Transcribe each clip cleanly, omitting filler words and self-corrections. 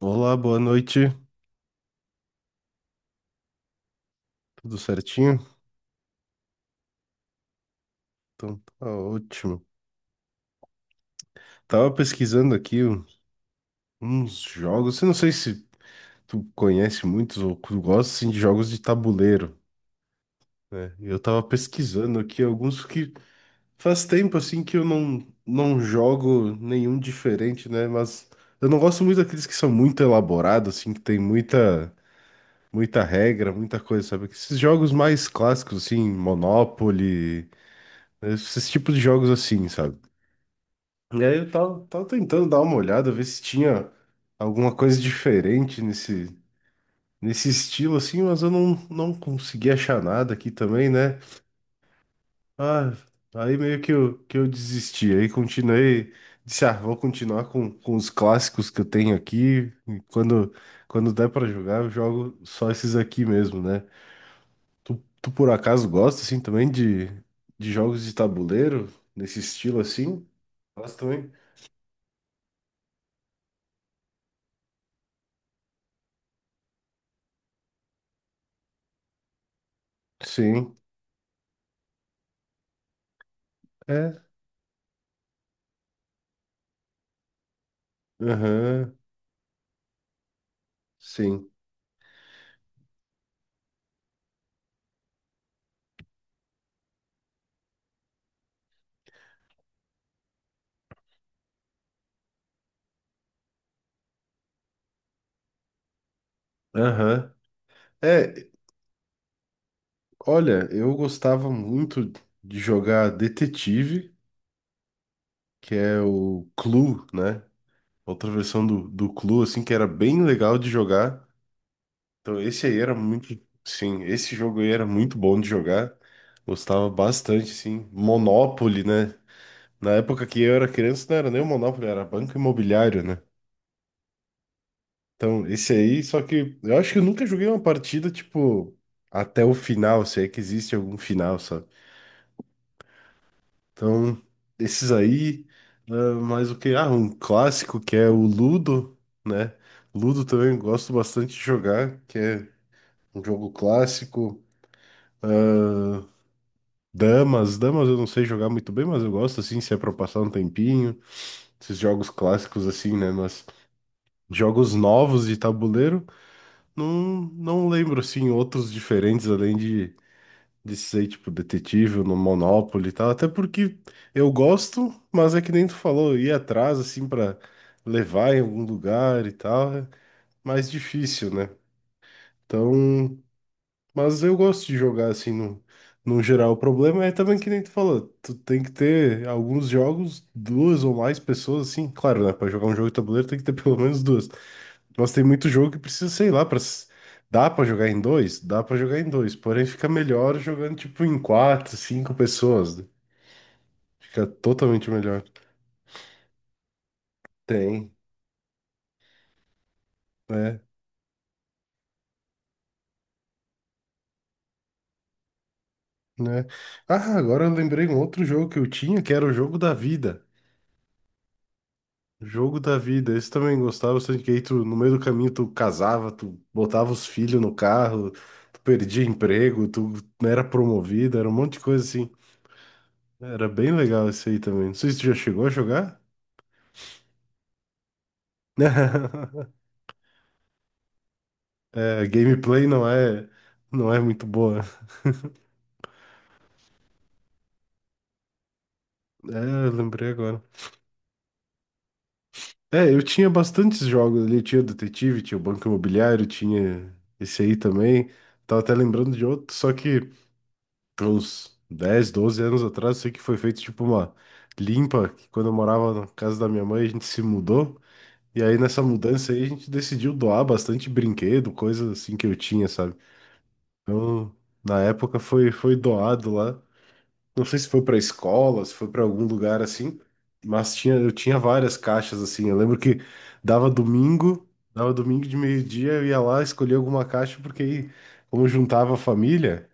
Olá, boa noite. Tudo certinho? Então tá ótimo. Tava pesquisando aqui uns jogos. Eu não sei se tu conhece muitos ou tu gosta assim, de jogos de tabuleiro, né? Eu tava pesquisando aqui alguns que faz tempo assim que eu não jogo nenhum diferente, né? Mas eu não gosto muito daqueles que são muito elaborados, assim, que tem muita muita regra, muita coisa, sabe? Esses jogos mais clássicos, assim, Monopoly, né? Esses tipos de jogos assim, sabe? E aí eu tava tentando dar uma olhada, ver se tinha alguma coisa diferente nesse estilo, assim, mas eu não consegui achar nada aqui também, né? Ah, aí meio que eu desisti, aí continuei, disse, ah, vou continuar com os clássicos que eu tenho aqui, e quando der pra jogar, eu jogo só esses aqui mesmo, né? Tu, tu por acaso gosta, assim, também de jogos de tabuleiro, nesse estilo, assim? Gosto também? Sim. É. Aham. Sim. Aham. É, olha, eu gostava muito de jogar Detetive, que é o Clue, né? Outra versão do Clue, assim, que era bem legal de jogar. Então, esse aí era muito. Sim, esse jogo aí era muito bom de jogar. Gostava bastante, assim. Monopoly, né? Na época que eu era criança, não era nem o Monopoly, era Banco Imobiliário, né? Então, esse aí, só que eu acho que eu nunca joguei uma partida, tipo, até o final, se é que existe algum final, sabe? Então, esses aí, ah, mais o que? Ah, um clássico que é o Ludo, né? Ludo também gosto bastante de jogar, que é um jogo clássico. Damas, damas eu não sei jogar muito bem, mas eu gosto assim, se é pra passar um tempinho. Esses jogos clássicos assim, né? Mas jogos novos de tabuleiro, não lembro assim outros diferentes além de ser, tipo, detetive no Monopoly e tal, até porque eu gosto, mas é que nem tu falou, ir atrás, assim, pra levar em algum lugar e tal, é mais difícil, né? Então, mas eu gosto de jogar, assim, no geral. O problema é também que nem tu falou, tu tem que ter alguns jogos, duas ou mais pessoas, assim, claro, né? Pra jogar um jogo de tabuleiro tem que ter pelo menos duas, nossa, tem muito jogo que precisa, sei lá, dá pra jogar em dois? Dá pra jogar em dois, porém fica melhor jogando tipo em quatro, cinco pessoas, né? Fica totalmente melhor. Tem, né? Né? Ah, agora eu lembrei um outro jogo que eu tinha, que era o jogo da vida. Jogo da vida. Esse também gostava bastante, que aí tu, no meio do caminho tu casava, tu botava os filhos no carro, tu perdia emprego, tu não era promovido, era um monte de coisa assim. Era bem legal esse aí também. Não sei se tu já chegou a jogar. A gameplay não é, não é muito boa. É, eu lembrei agora. É, eu tinha bastantes jogos ali. Tinha o Detetive, tinha o Banco Imobiliário, tinha esse aí também. Tava até lembrando de outro, só que uns 10, 12 anos atrás, sei que foi feito tipo uma limpa, que quando eu morava na casa da minha mãe, a gente se mudou. E aí nessa mudança aí a gente decidiu doar bastante brinquedo, coisas assim que eu tinha, sabe? Então, na época foi doado lá. Não sei se foi para escola, se foi para algum lugar assim, mas tinha, eu tinha várias caixas assim. Eu lembro que dava domingo, dava domingo de meio-dia, eu ia lá escolher alguma caixa, porque aí, como juntava a família,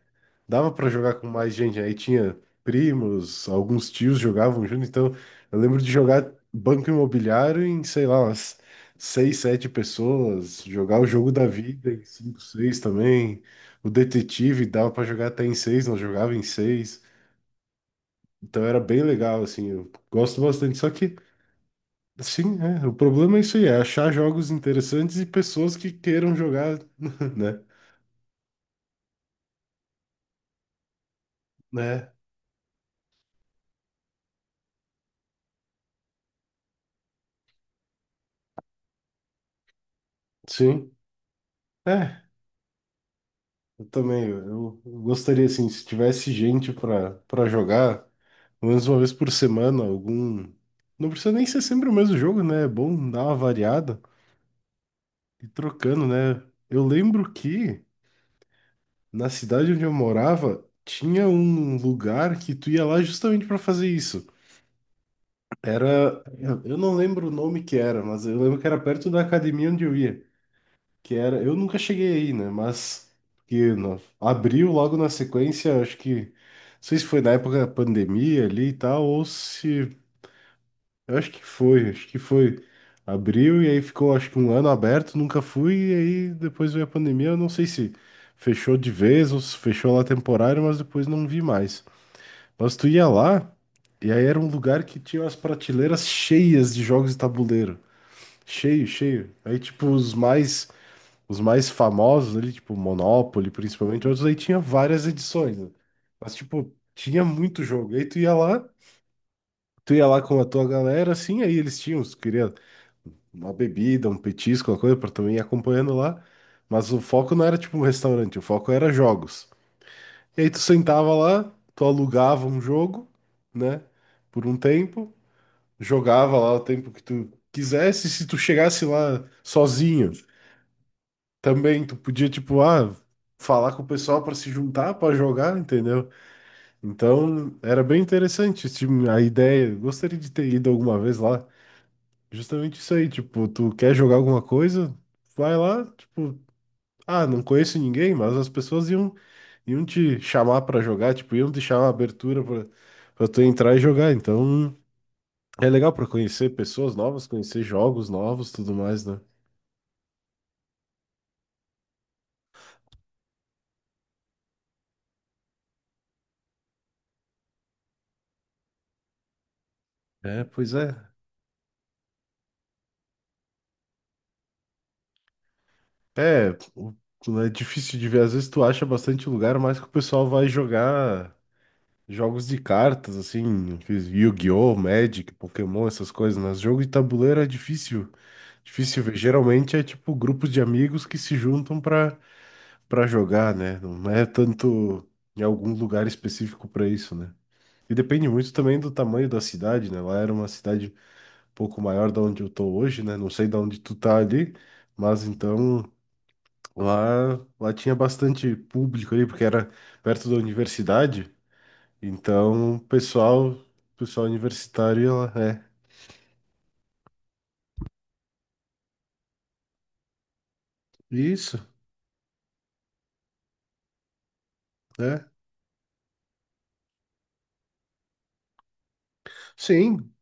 dava para jogar com mais gente. Aí tinha primos, alguns tios jogavam junto, então eu lembro de jogar Banco Imobiliário em, sei lá, umas seis, sete pessoas, jogar o jogo da vida em cinco, seis também. O detetive dava para jogar até em seis, não jogava em seis. Então era bem legal, assim, eu gosto bastante. Só que, sim, é, o problema é isso aí, é achar jogos interessantes e pessoas que queiram jogar, né? Né? Sim. É, eu também, eu gostaria, assim, se tivesse gente para jogar, pelo menos uma vez por semana, algum... Não precisa nem ser sempre o mesmo jogo, né? É bom dar uma variada e trocando, né? Eu lembro que na cidade onde eu morava, tinha um lugar que tu ia lá justamente para fazer isso. Era, eu não lembro o nome que era, mas eu lembro que era perto da academia onde eu ia, que era, eu nunca cheguei aí, né, mas que abriu logo na sequência, acho que, não sei se foi na época da pandemia ali e tal, ou se, eu acho que foi, abriu e aí ficou acho que um ano aberto, nunca fui, e aí depois veio a pandemia, eu não sei se fechou de vez ou se fechou lá temporário, mas depois não vi mais. Mas tu ia lá? E aí era um lugar que tinha as prateleiras cheias de jogos de tabuleiro. Cheio, cheio. Aí, tipo, os mais famosos ali, tipo, Monopoly, principalmente, outros aí tinha várias edições, né? Mas, tipo, tinha muito jogo. Aí tu ia lá com a tua galera, assim, aí eles tinham, se tu queria uma bebida, um petisco, uma coisa, pra também ir acompanhando lá. Mas o foco não era, tipo, um restaurante, o foco era jogos. E aí tu sentava lá, tu alugava um jogo, né? Por um tempo. Jogava lá o tempo que tu quisesse, se tu chegasse lá sozinho, também tu podia, tipo, ah, falar com o pessoal para se juntar para jogar, entendeu? Então, era bem interessante, tipo, a ideia. Gostaria de ter ido alguma vez lá. Justamente isso aí, tipo, tu quer jogar alguma coisa, vai lá, tipo, ah, não conheço ninguém, mas as pessoas iam, iam te chamar para jogar, tipo, iam te chamar a abertura para tu entrar e jogar. Então, é legal pra conhecer pessoas novas, conhecer jogos novos, tudo mais, né? É, pois é. É, o- né, é difícil de ver. Às vezes tu acha bastante lugar, mas que o pessoal vai jogar jogos de cartas, assim, aqueles Yu-Gi-Oh, Magic, Pokémon, essas coisas, né? Jogo de tabuleiro é difícil, difícil ver. Geralmente é tipo grupos de amigos que se juntam pra para jogar, né? Não é tanto em algum lugar específico pra isso, né? E depende muito também do tamanho da cidade, né? Lá era uma cidade pouco maior da onde eu tô hoje, né? Não sei da onde tu tá ali, mas então lá tinha bastante público ali, porque era perto da universidade. Então, o pessoal universitário, ia lá, é. Isso, é. Sim,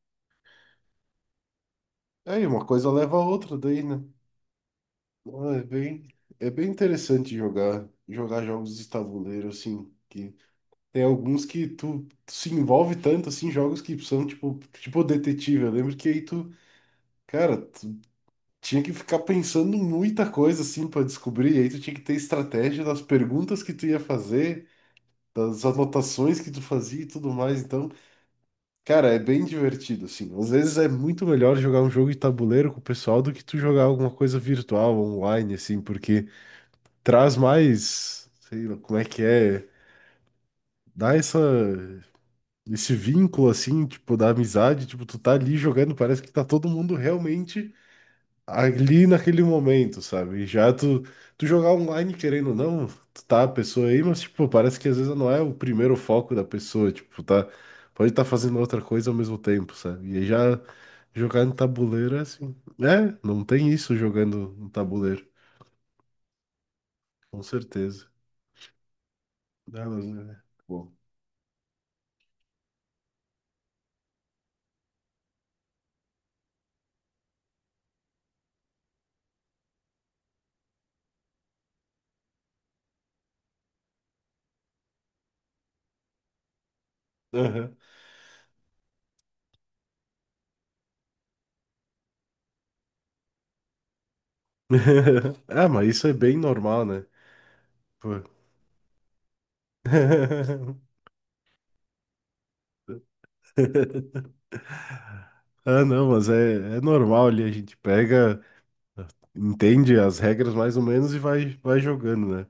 aí uma coisa leva a outra daí, né? Ah, É bem interessante jogar, jogos de tabuleiro, assim, que tem alguns que tu, se envolve tanto, assim, jogos que são, tipo, detetive, eu lembro que aí tu, cara, tinha que ficar pensando em muita coisa assim para descobrir, e aí tu tinha que ter estratégia das perguntas que tu ia fazer, das anotações que tu fazia e tudo mais. Então, cara, é bem divertido assim. Às vezes é muito melhor jogar um jogo de tabuleiro com o pessoal do que tu jogar alguma coisa virtual, online assim, porque traz mais, sei lá, como é que é, dá essa esse vínculo assim, tipo, da amizade, tipo, tu tá ali jogando, parece que tá todo mundo realmente ali naquele momento, sabe? Já tu, tu jogar online querendo ou não, tu tá a pessoa aí, mas tipo, parece que às vezes não é o primeiro foco da pessoa, tipo, tá, pode estar fazendo outra coisa ao mesmo tempo, sabe? E aí já jogar no tabuleiro é assim, é, não tem isso jogando no tabuleiro, com certeza. Ah, mas, é, bom. Aham. Ah, mas isso é bem normal, né? Pô. Ah, não, mas é normal ali, a gente pega. Entende as regras mais ou menos e vai jogando, né?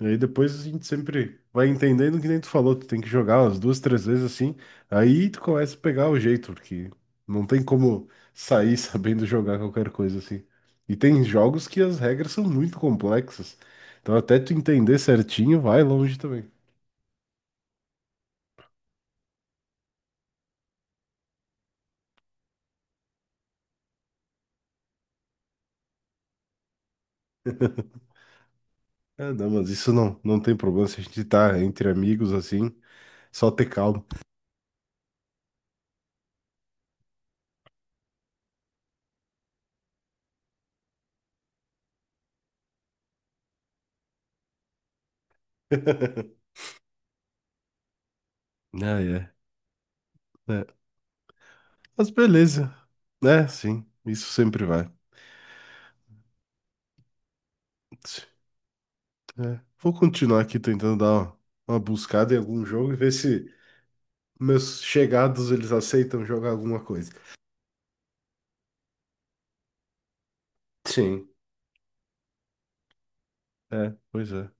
E aí depois a gente sempre vai entendendo que nem tu falou, tu tem que jogar umas duas, três vezes assim, aí tu começa a pegar o jeito, porque não tem como sair sabendo jogar qualquer coisa assim. E tem jogos que as regras são muito complexas, então até tu entender certinho vai longe também. Ah, não, mas isso não tem problema se a gente tá entre amigos assim, só ter calma. Ah, é. É. Mas beleza, né? Sim, isso sempre vai. É. Vou continuar aqui tentando dar uma buscada em algum jogo e ver se meus chegados eles aceitam jogar alguma coisa. Sim. É, pois é.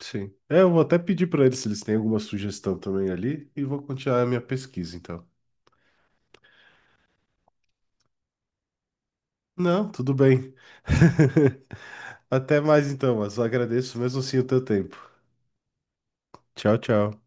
Sim. É, eu vou até pedir pra eles se eles têm alguma sugestão também ali e vou continuar a minha pesquisa então. Não, tudo bem. Até mais então, mas eu agradeço mesmo assim o teu tempo. Tchau, tchau.